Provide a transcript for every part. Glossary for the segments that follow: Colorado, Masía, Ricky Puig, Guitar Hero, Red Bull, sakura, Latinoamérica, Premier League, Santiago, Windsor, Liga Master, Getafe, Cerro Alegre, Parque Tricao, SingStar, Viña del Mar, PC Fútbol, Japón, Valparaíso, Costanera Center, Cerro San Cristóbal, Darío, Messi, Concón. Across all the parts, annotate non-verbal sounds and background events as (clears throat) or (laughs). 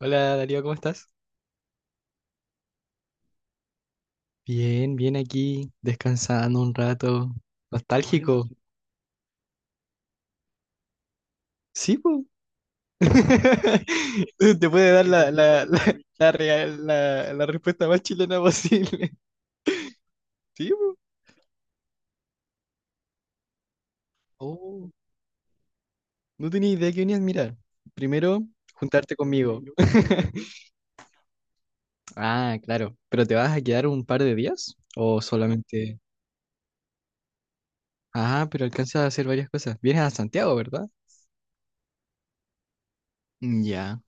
Hola Darío, ¿cómo estás? Bien, bien aquí, descansando un rato. Oye, nostálgico. Sí, po. (laughs) Te puede dar la respuesta más chilena posible. (laughs) Sí, po. Oh, no tenía idea que venías a mirar. Primero, juntarte conmigo. (laughs) Ah, claro. ¿Pero te vas a quedar un par de días? ¿O solamente...? Ah, pero alcanzas a hacer varias cosas. Vienes a Santiago, ¿verdad? Ya.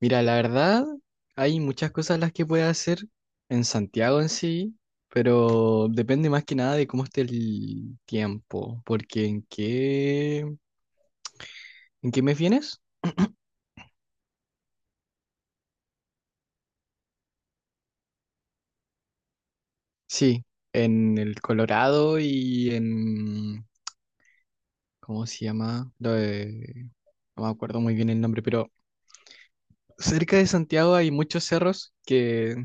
Mira, la verdad, hay muchas cosas las que puedes hacer en Santiago en sí, pero depende más que nada de cómo esté el tiempo, porque ¿en qué mes vienes? Sí, en el Colorado y ¿cómo se llama? No me acuerdo muy bien el nombre, pero cerca de Santiago hay muchos cerros que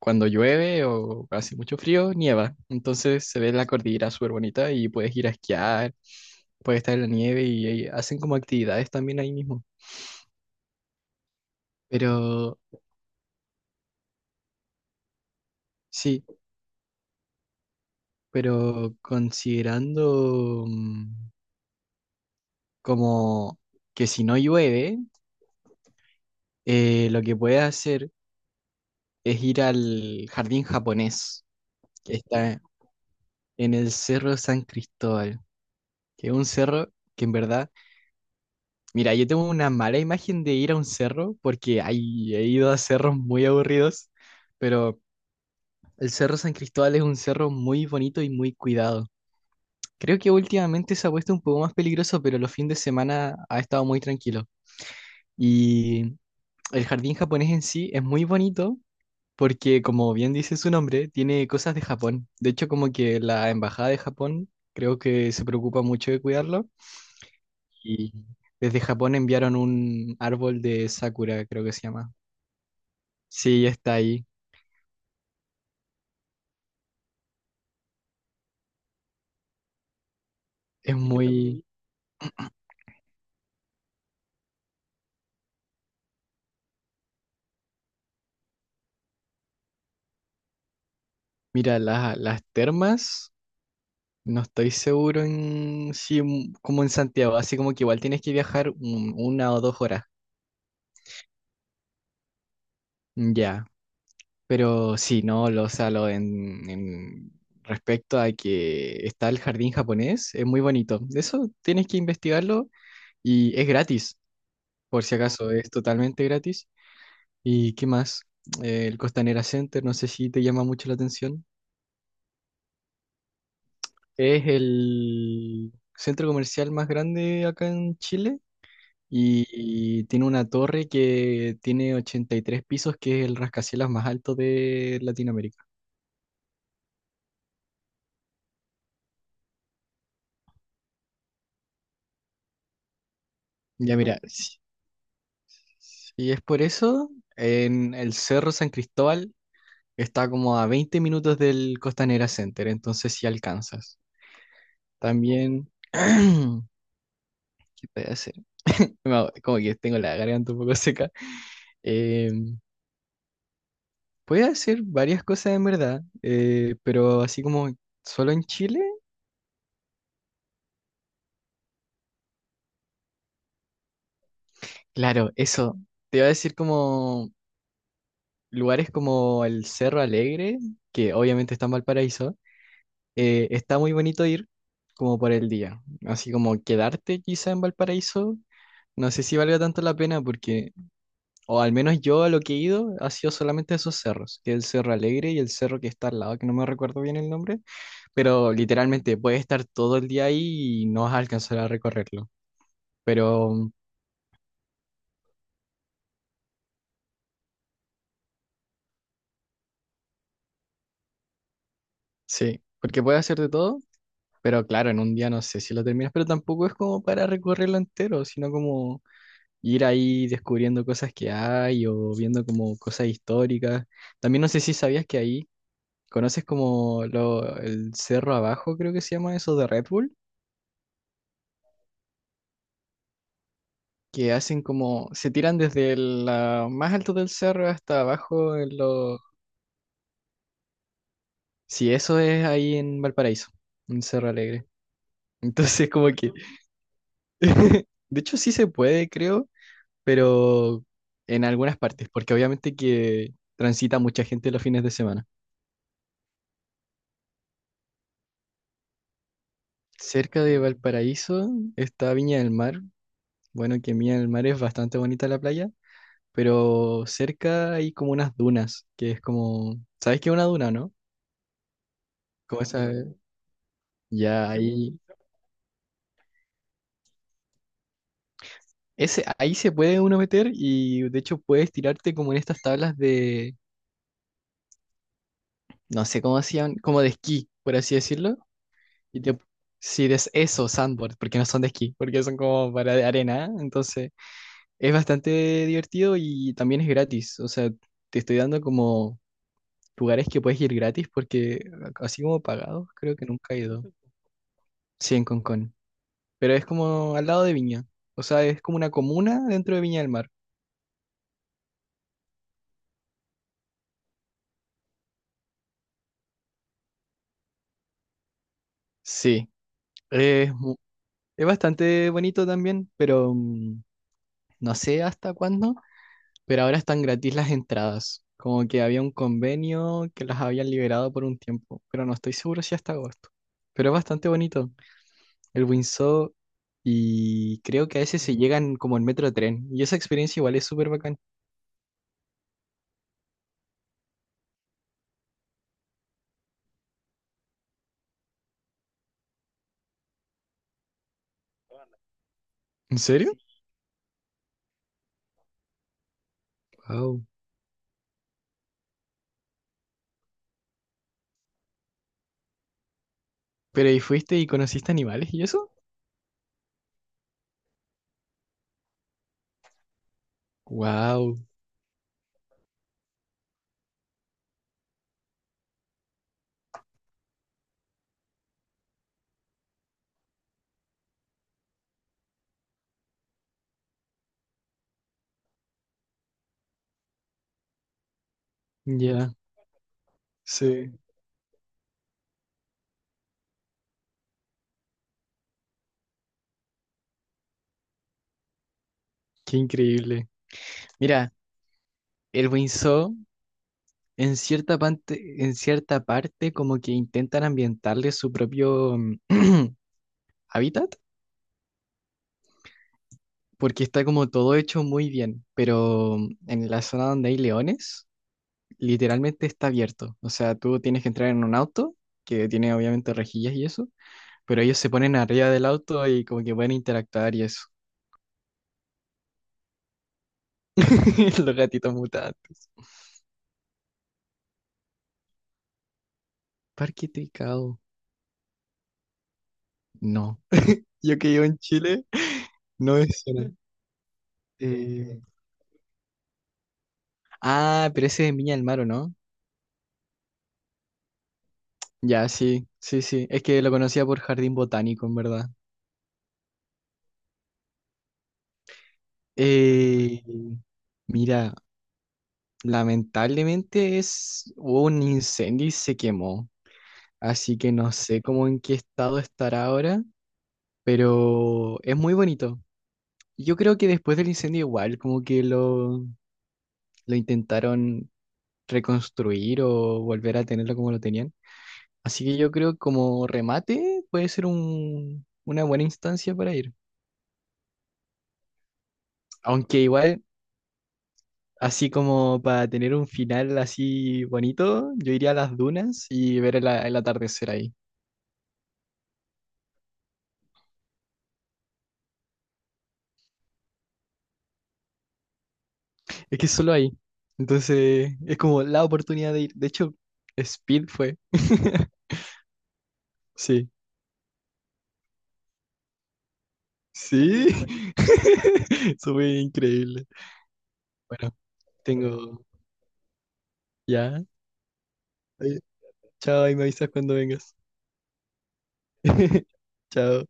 cuando llueve o hace mucho frío, nieva. Entonces se ve la cordillera súper bonita y puedes ir a esquiar, puedes estar en la nieve y ahí hacen como actividades también ahí mismo. Pero sí, pero considerando como que si no llueve, lo que puedes hacer es ir al jardín japonés que está en el Cerro San Cristóbal, que es un cerro que en verdad. Mira, yo tengo una mala imagen de ir a un cerro porque he ido a cerros muy aburridos, pero el Cerro San Cristóbal es un cerro muy bonito y muy cuidado. Creo que últimamente se ha puesto un poco más peligroso, pero los fines de semana ha estado muy tranquilo. Y el jardín japonés en sí es muy bonito porque, como bien dice su nombre, tiene cosas de Japón. De hecho, como que la embajada de Japón creo que se preocupa mucho de cuidarlo y desde Japón enviaron un árbol de sakura, creo que se llama. Sí, está ahí. Es muy... Mira, las termas, no estoy seguro en si como en Santiago, así como que igual tienes que viajar 1 o 2 horas. Mm, ya, pero sí, no, lo, o sea, lo en respecto a que está el jardín japonés, es muy bonito. Eso tienes que investigarlo y es gratis, por si acaso, es totalmente gratis. ¿Y qué más? El Costanera Center, no sé si te llama mucho la atención. Es el centro comercial más grande acá en Chile y, y tiene una torre que tiene 83 pisos, que es el rascacielos más alto de Latinoamérica. Ya mira, si es por eso, en el Cerro San Cristóbal está como a 20 minutos del Costanera Center, entonces si alcanzas. También, (clears throat) ¿qué puede hacer? Como que tengo la garganta un poco seca. Eh, Puede hacer varias cosas en verdad, pero así como solo en Chile, claro, eso. Te iba a decir como lugares como el Cerro Alegre, que obviamente está en Valparaíso, está muy bonito ir como por el día, así como quedarte quizá en Valparaíso, no sé si valga tanto la pena porque. O al menos yo a lo que he ido ha sido solamente a esos cerros, que es el Cerro Alegre y el cerro que está al lado, que no me recuerdo bien el nombre, pero literalmente puedes estar todo el día ahí y no vas a alcanzar a recorrerlo. Pero sí, porque puedes hacer de todo, pero claro, en un día no sé si lo terminas, pero tampoco es como para recorrerlo entero, sino como ir ahí descubriendo cosas que hay o viendo como cosas históricas. También no sé si sabías que ahí conoces como lo, el cerro abajo, creo que se llama eso de Red Bull. Que hacen como, se tiran desde el la más alto del cerro hasta abajo en lo... Sí, eso es ahí en Valparaíso, en Cerro Alegre. (laughs) Entonces como que, (laughs) de hecho sí se puede, creo, pero en algunas partes, porque obviamente que transita mucha gente los fines de semana. Cerca de Valparaíso está Viña del Mar. Bueno, que Viña del Mar es bastante bonita la playa, pero cerca hay como unas dunas, que es como, ¿sabes qué es una duna, no? Como esa, ya. Sí, pues, ahí. Ese, ahí se puede uno meter y de hecho puedes tirarte como en estas tablas de, no sé cómo hacían, como de esquí, por así decirlo. Y te, sí, de eso, sandboard, porque no son de esquí, porque son como para de arena. ¿Eh? Entonces es bastante divertido y también es gratis. O sea, te estoy dando como lugares que puedes ir gratis porque así como pagados, creo que nunca he ido. Sí, en Concón. Pero es como al lado de Viña. O sea, es como una comuna dentro de Viña del Mar. Sí. es Es bastante bonito también, pero no sé hasta cuándo, pero ahora están gratis las entradas. Como que había un convenio que las habían liberado por un tiempo, pero no estoy seguro si hasta agosto. Pero es bastante bonito el Windsor y creo que a veces se llegan como en metro tren y esa experiencia igual es súper bacán. ¿En serio? Wow. Pero ¿y fuiste y conociste animales y eso? Wow. Ya, sí. Qué increíble. Mira, el Windsor. En cierta parte como que intentan ambientarle su propio (clears throat) hábitat, porque está como todo hecho muy bien, pero en la zona donde hay leones, literalmente está abierto. O sea, tú tienes que entrar en un auto, que tiene obviamente rejillas y eso, pero ellos se ponen arriba del auto y como que pueden interactuar y eso. (laughs) Los gatitos mutantes. Parque Tricao. No. Yo que vivo en Chile, no es... Eh, ah, pero ese es en Viña del Mar, ¿o no? Ya, sí, sí, sí. Es que lo conocía por jardín botánico, en verdad. Eh, Mira, lamentablemente es, hubo un incendio y se quemó. Así que no sé cómo en qué estado estará ahora, pero es muy bonito. Yo creo que después del incendio igual, como que lo intentaron reconstruir o volver a tenerlo como lo tenían. Así que yo creo que como remate puede ser una buena instancia para ir. Aunque igual... Así como para tener un final así bonito, yo iría a las dunas y ver el atardecer ahí. Es que es solo ahí. Entonces, es como la oportunidad de ir. De hecho, Speed fue. (laughs) Sí. Sí. (laughs) Eso fue increíble. Bueno, Bueno, tengo... Ya. Ahí- Chao, ahí me avisas cuando vengas. (laughs) Chao.